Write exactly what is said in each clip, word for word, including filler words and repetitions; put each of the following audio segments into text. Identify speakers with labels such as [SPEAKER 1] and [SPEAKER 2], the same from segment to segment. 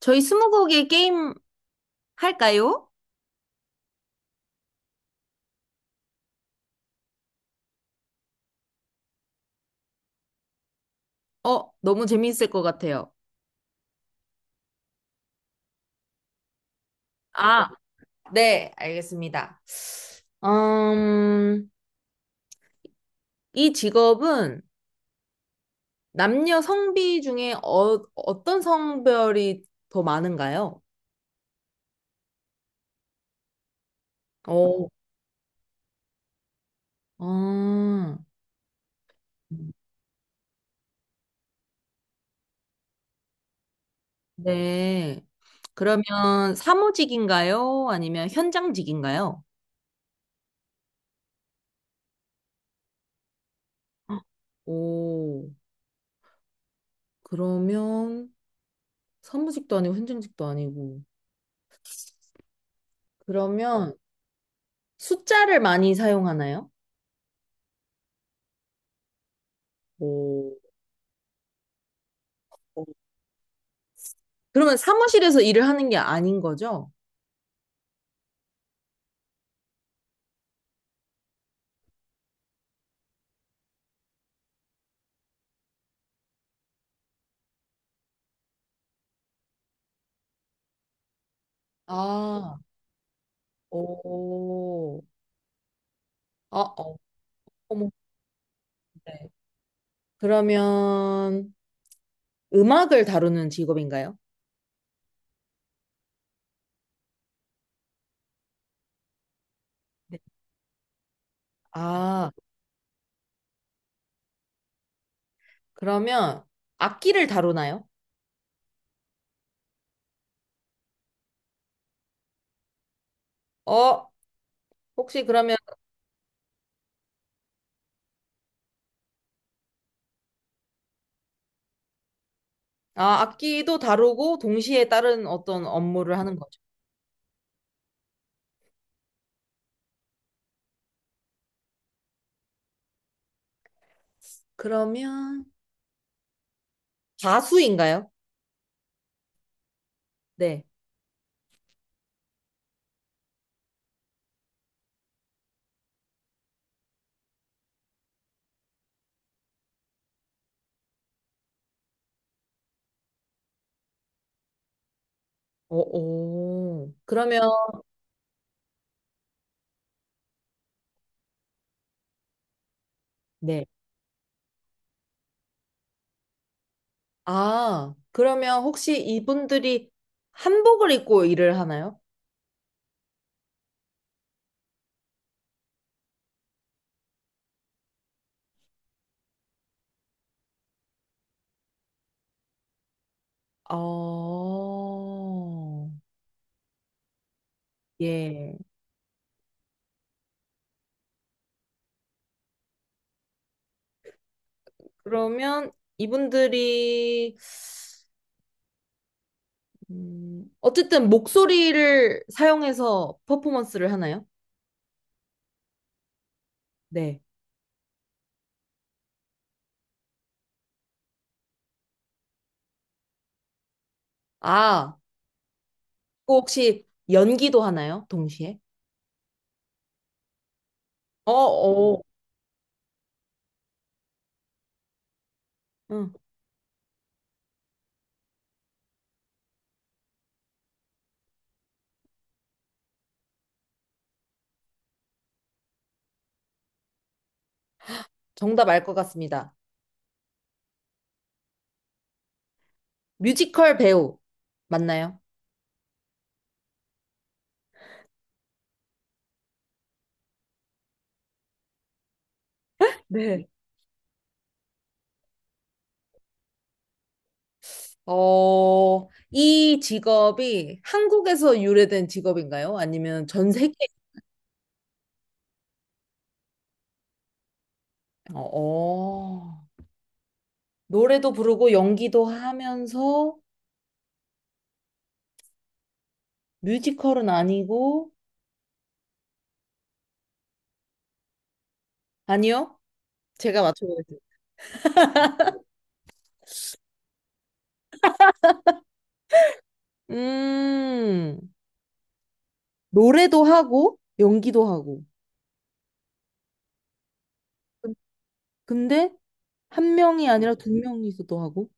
[SPEAKER 1] 저희 스무고개 게임 할까요? 어, 너무 재밌을 것 같아요. 아, 네, 알겠습니다. 음, 이 직업은 남녀 성비 중에 어, 어떤 성별이 더 많은가요? 어, 아, 네. 그러면 사무직인가요? 아니면 현장직인가요? 오, 그러면 사무직도 아니고 현장직도 아니고. 그러면 숫자를 많이 사용하나요? 오. 오. 그러면 사무실에서 일을 하는 게 아닌 거죠? 아, 오. 아, 어, 어머, 네. 그러면 음악을 다루는 직업인가요? 네. 아, 그러면 악기를 다루나요? 어, 혹시 그러면, 아, 악기도 다루고 동시에 다른 어떤 업무를 하는 거죠? 그러면 가수인가요? 네. 오, 오. 그러면, 아, 그러면 혹시 이분들이 한복을 입고 일을 하나요? 어, 예. 그러면 이분들이, 음, 어쨌든 목소리를 사용해서 퍼포먼스를 하나요? 네. 아, 또 혹시 연기도 하나요? 동시에? 어, 어, 응. 정답 알 것 같습니다. 뮤지컬 배우 맞나요? 네. 어, 이 직업이 한국에서 유래된 직업인가요? 아니면 전 세계? 어, 어. 노래도 부르고 연기도 하면서 뮤지컬은 아니고, 아니요? 제가 맞춰보겠습니다. 음, 노래도 하고, 연기도 하고. 근데 한 명이 아니라 두 명이서도 하고,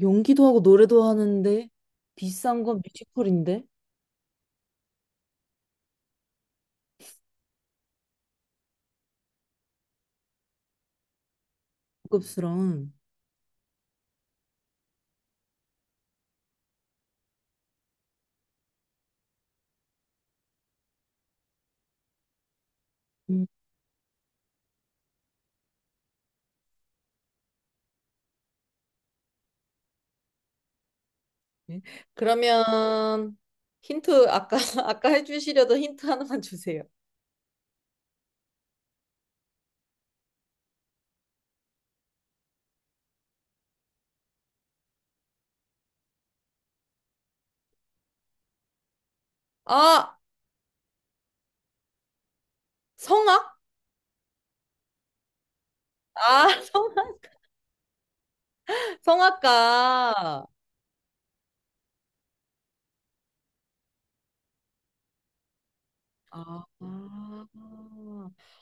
[SPEAKER 1] 연기도 하고, 노래도 하는데, 비싼 건 뮤지컬인데? 고급스러운. 음, 네. 그러면 힌트 아까 아까 해주시려던 힌트 하나만 주세요. 아 성악? 아 성, 성악가. 아, 아,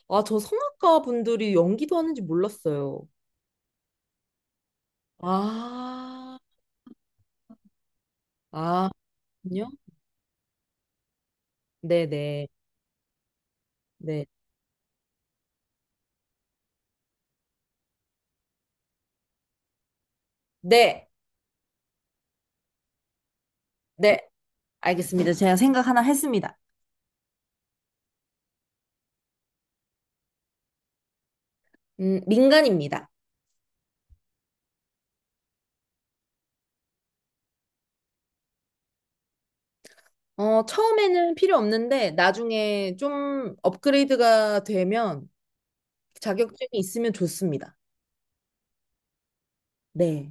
[SPEAKER 1] 아, 저 성악가 분들이 연기도 하는지 몰랐어요. 아, 아, 그요? 네네, 네, 네, 네, 알겠습니다. 제가 생각 하나 했습니다. 음, 민간입니다. 어, 처음에는 필요 없는데, 나중에 좀 업그레이드가 되면 자격증이 있으면 좋습니다. 네.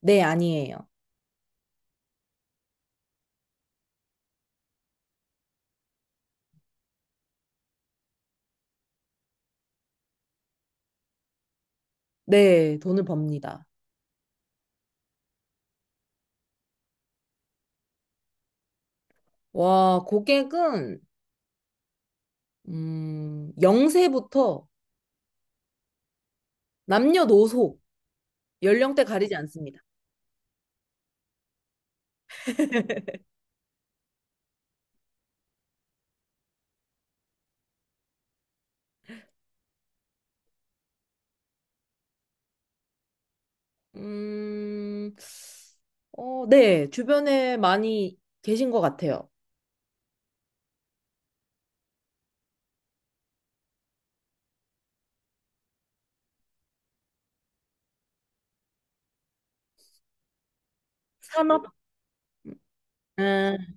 [SPEAKER 1] 네, 아니에요. 네, 돈을 법니다. 와, 고객은, 음, 세부터 남녀노소, 연령대 가리지 않습니다. 음, 어, 네, 주변에 많이 계신 것 같아요. 산업, 음,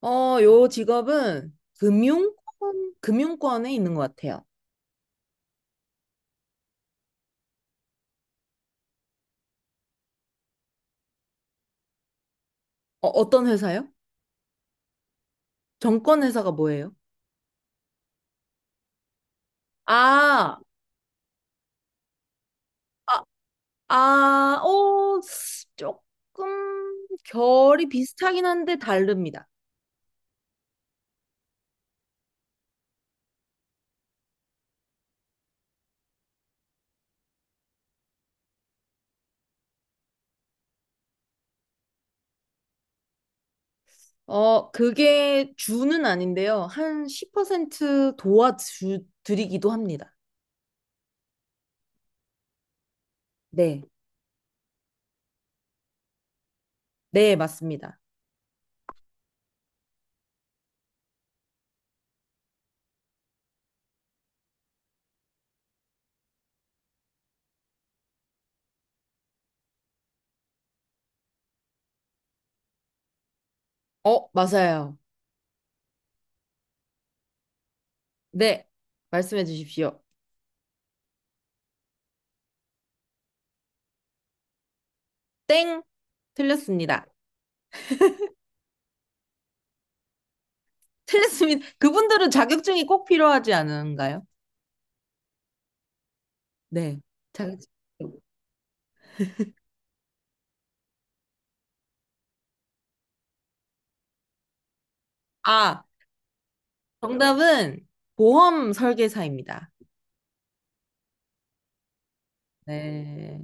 [SPEAKER 1] 어, 요 직업은 금융권, 금융권에 있는 것 같아요. 어, 어떤 회사요? 정권 회사가 뭐예요? 아, 아, 아, 어, 조금 결이 비슷하긴 한데 다릅니다. 어, 그게 주는 아닌데요. 한 십 퍼센트 도와주 드리기도 합니다. 네. 네, 맞습니다. 어, 맞아요. 네. 말씀해 주십시오. 땡. 틀렸습니다. 틀렸습니다. 그분들은 자격증이 꼭 필요하지 않은가요? 네. 자격증. 아, 정답은 보험 설계사입니다. 네.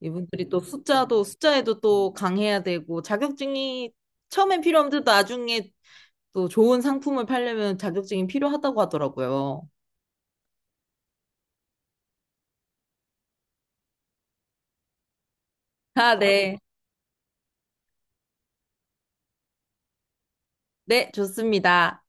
[SPEAKER 1] 이분들이 또 숫자도, 숫자에도 또 강해야 되고, 자격증이 처음엔 필요 없는데 나중에 또 좋은 상품을 팔려면 자격증이 필요하다고 하더라고요. 아, 네. 네, 좋습니다.